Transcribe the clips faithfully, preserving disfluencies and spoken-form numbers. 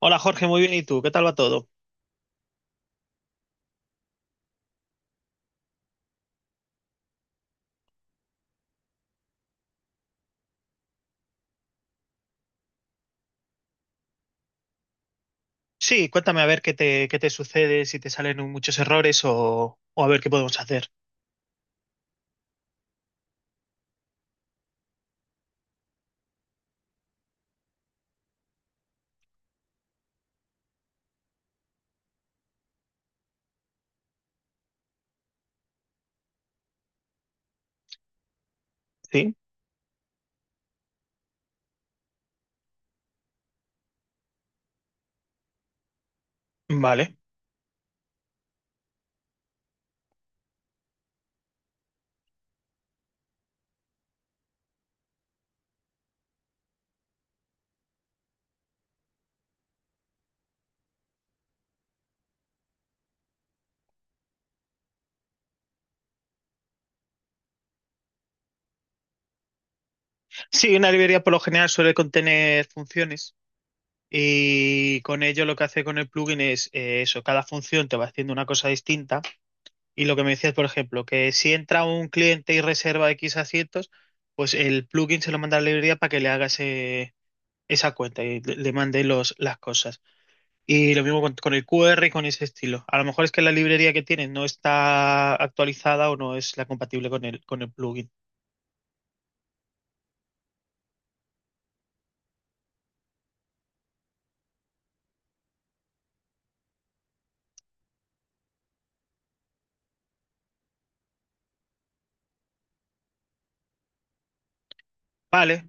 Hola Jorge, muy bien. ¿Y tú? ¿Qué tal va todo? Sí, cuéntame a ver qué te, qué te sucede, si te salen muchos errores o, o a ver qué podemos hacer. Sí, vale. Sí, una librería por lo general suele contener funciones y con ello lo que hace con el plugin es eh, eso, cada función te va haciendo una cosa distinta y lo que me decías, por ejemplo, que si entra un cliente y reserva X asientos, pues el plugin se lo manda a la librería para que le haga ese- esa cuenta y le, le mande los, las cosas. Y lo mismo con, con el Q R y con ese estilo. A lo mejor es que la librería que tienen no está actualizada o no es la compatible con el, con el plugin. Vale,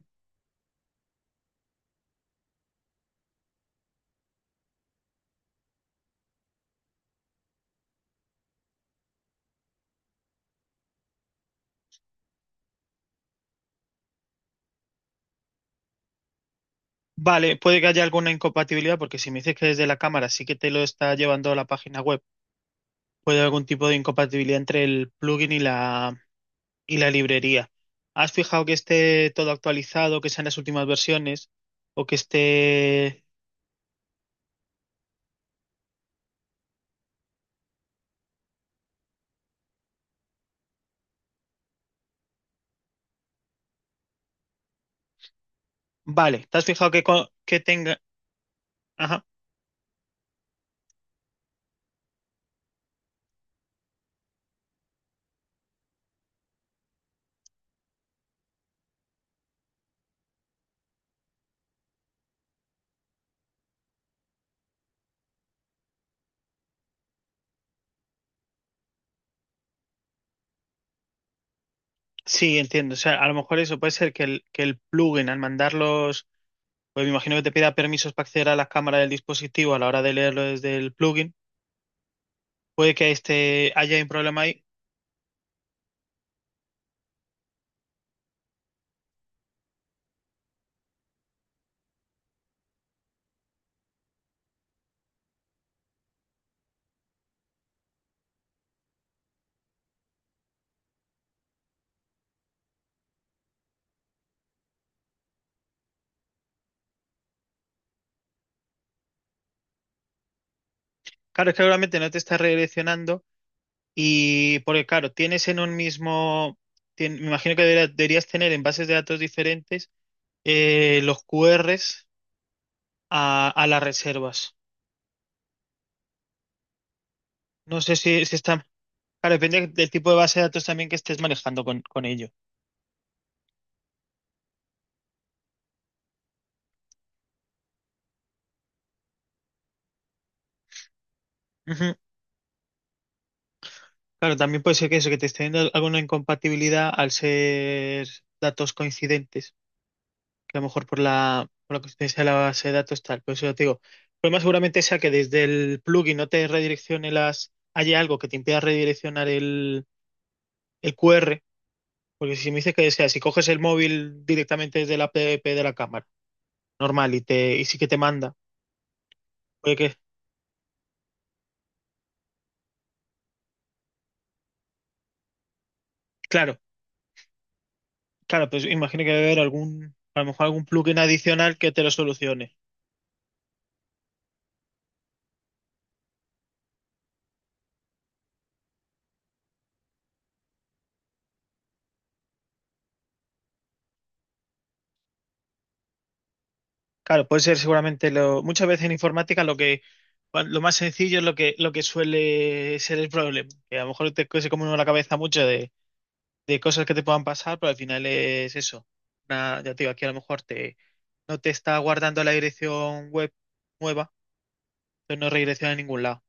vale, puede que haya alguna incompatibilidad porque si me dices que desde la cámara sí que te lo está llevando a la página web, puede haber algún tipo de incompatibilidad entre el plugin y la, y la librería. ¿Has fijado que esté todo actualizado, que sean las últimas versiones o que esté... Vale, ¿te has fijado que, co- que tenga... Sí, entiendo. O sea, a lo mejor eso puede ser que el, que el plugin al mandarlos, pues me imagino que te pida permisos para acceder a la cámara del dispositivo a la hora de leerlo desde el plugin. Puede que este haya un problema ahí. Claro, es que obviamente no te está redireccionando y porque claro, tienes en un mismo, tien- me imagino que debería- deberías tener en bases de datos diferentes eh, los Q Rs a, a las reservas. No sé si, si están, claro, depende del tipo de base de datos también que estés manejando con, con ello. Claro, también puede ser que eso, que te esté dando alguna incompatibilidad al ser datos coincidentes, que a lo mejor por la, por la coincidencia de la base de datos tal. Por eso ya te digo, el problema seguramente sea que desde el plugin no te redireccione las, haya algo que te impida redireccionar el, el Q R, porque si me dices que, o sea, si coges el móvil directamente desde la app de la cámara, normal, y te, y sí que te manda, puede que, claro, claro, pues imagino que debe haber algún, a lo mejor algún plugin adicional que te lo solucione. Claro, puede ser seguramente lo, muchas veces en informática lo que lo más sencillo es lo que lo que suele ser el problema. Que a lo mejor te se come uno la cabeza mucho de, de cosas que te puedan pasar, pero al final es eso. Una- ya te digo, aquí a lo mejor te no te está guardando la dirección web nueva, entonces no redirecciona a ningún lado.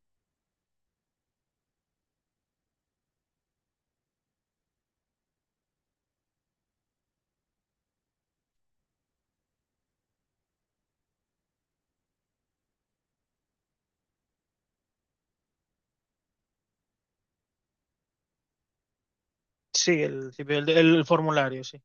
Sí, el, el, el formulario, sí.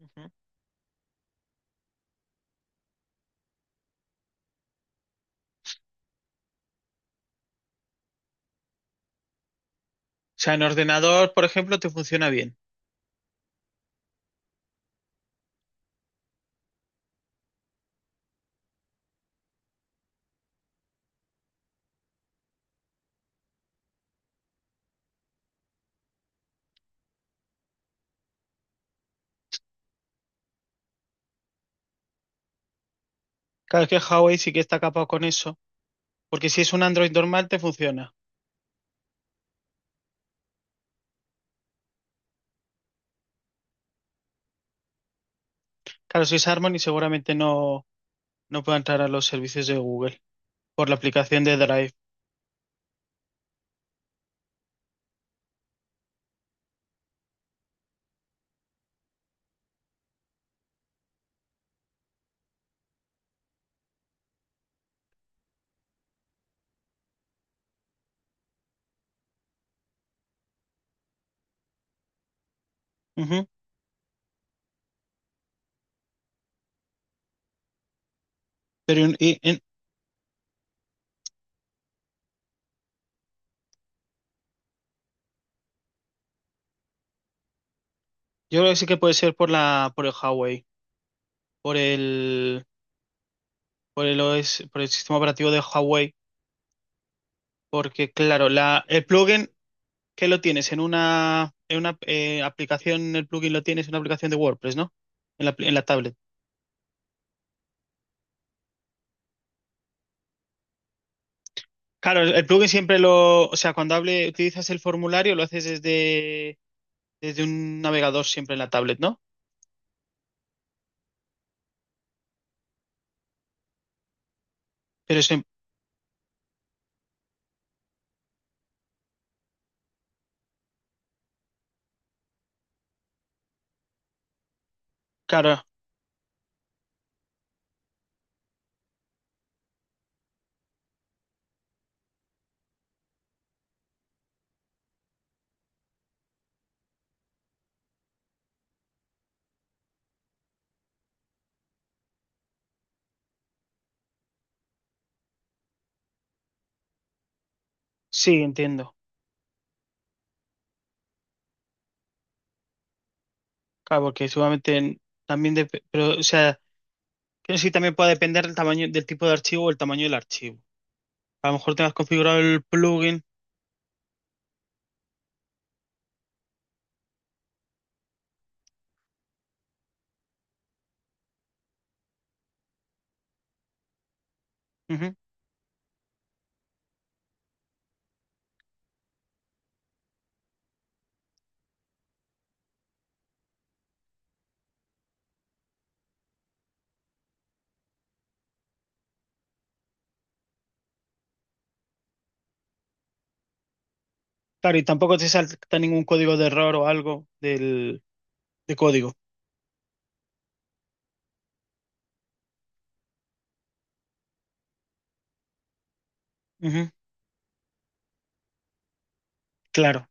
Ujú. O sea, en ordenador, por ejemplo, te funciona bien. Claro, es que Huawei sí que está capado con eso, porque si es un Android normal, te funciona. Claro, si es Harmony, seguramente no. No puedo entrar a los servicios de Google por la aplicación de Drive. Ujú. Pero en- y- en- yo creo que sí que puede ser por la, por el Huawei, por el, por el O S, por el sistema operativo de Huawei, porque claro, la, el plugin que lo tienes en una, en una eh, aplicación, el plugin lo tienes en una aplicación de WordPress, ¿no? En la, pl- en la tablet. Claro, el, el plugin siempre lo, o sea, cuando hable, utilizas el formulario, lo haces desde, desde un navegador siempre en la tablet, ¿no? Pero eso, claro, sí, entiendo. Claro, porque seguramente también dep- pero, o sea, creo que sí también puede depender del tamaño, del tipo de archivo o el tamaño del archivo. A lo mejor tengas configurado el plugin. Ujú. Claro, y tampoco te salta ningún código de error o algo del, de código. Ujú. Claro.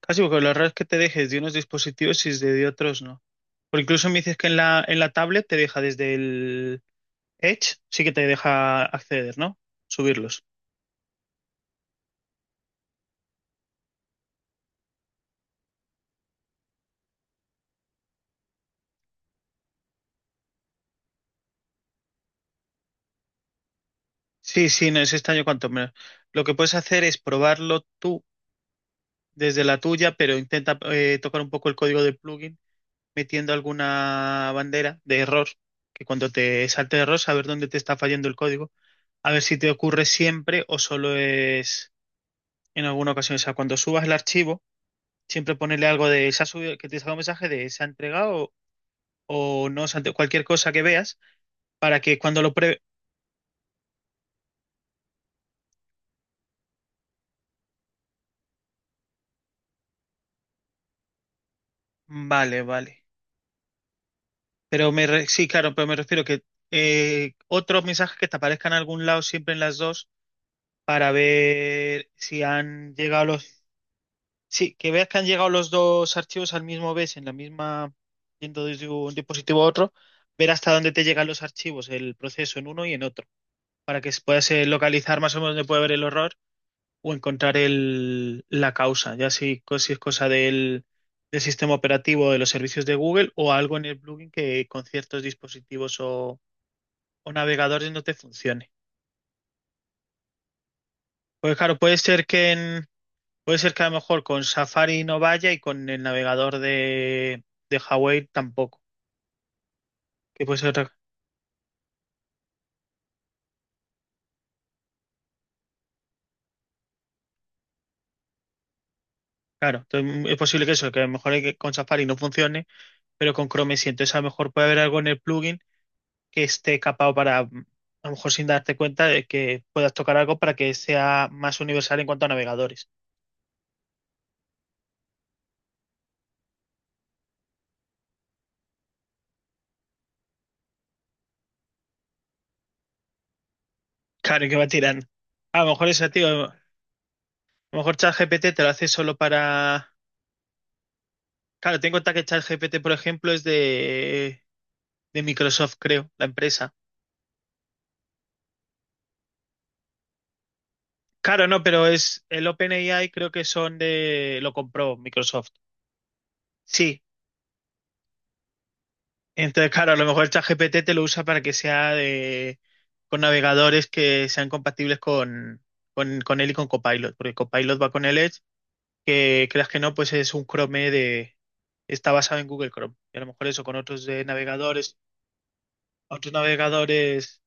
Casi porque los errores que te dejes de unos dispositivos y de de otros no. Porque incluso me dices que en la, en la tablet te deja desde el Edge, sí que te deja acceder, ¿no? Subirlos. Sí, sí, no es extraño cuanto menos. Lo que puedes hacer es probarlo tú desde la tuya, pero intenta eh, tocar un poco el código del plugin metiendo alguna bandera de error, que cuando te salte de error, saber dónde te está fallando el código, a ver si te ocurre siempre o solo es en alguna ocasión. O sea, cuando subas el archivo, siempre ponerle algo de se ha subido, que te salga un mensaje de se ha entregado o, o no, se ha entre- cualquier cosa que veas, para que cuando lo pruebe. Vale, vale. Pero me re- sí, claro, pero me refiero que eh, otros mensajes que te aparezcan en algún lado siempre en las dos para ver si han llegado los... Sí, que veas que han llegado los dos archivos al mismo vez, en la misma, yendo desde un dispositivo a otro, ver hasta dónde te llegan los archivos, el proceso en uno y en otro, para que puedas eh, localizar más o menos dónde puede haber el error o encontrar el, la causa, ya si, co- si es cosa del, del sistema operativo de los servicios de Google o algo en el plugin que con ciertos dispositivos o, o navegadores no te funcione. Pues claro, puede ser que en, puede ser que a lo mejor con Safari no vaya y con el navegador de, de Huawei tampoco. Que puede ser otra. Claro, entonces, mm, es posible que eso, que a lo mejor hay que- con Safari no funcione, pero con Chrome sí. Entonces a lo mejor puede haber algo en el plugin que esté capado para, mm, a lo mejor sin darte cuenta de que puedas tocar algo para que sea más universal en cuanto a navegadores. Claro, y que va tirando. A lo mejor eso, tío. A lo mejor ChatGPT te lo hace solo para. Claro, tengo en cuenta que ChatGPT, por ejemplo, es de, de Microsoft, creo, la empresa. Claro, no, pero es el OpenAI creo que son de lo compró Microsoft. Sí. Entonces, claro, a lo mejor ChatGPT te lo usa para que sea de con navegadores que sean compatibles con, con, con él y con Copilot, porque Copilot va con el Edge, que creas que no, pues es un Chrome de está basado en Google Chrome. Y a lo mejor eso con otros de navegadores, otros navegadores,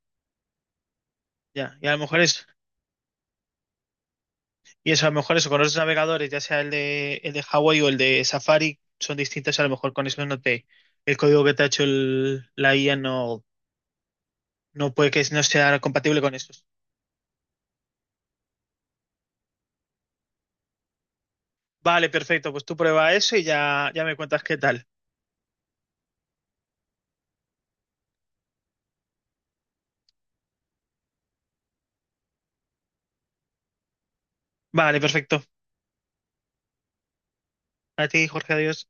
ya. Y a lo mejor es y eso, a lo mejor eso, con otros navegadores, ya sea el de, el de Huawei o el de Safari, son distintos, a lo mejor con eso no te, el código que te ha hecho el- la I A no, no puede que no sea compatible con esos. Vale, perfecto, pues tú prueba eso y ya, ya me cuentas qué tal. Vale, perfecto. A ti, Jorge, adiós.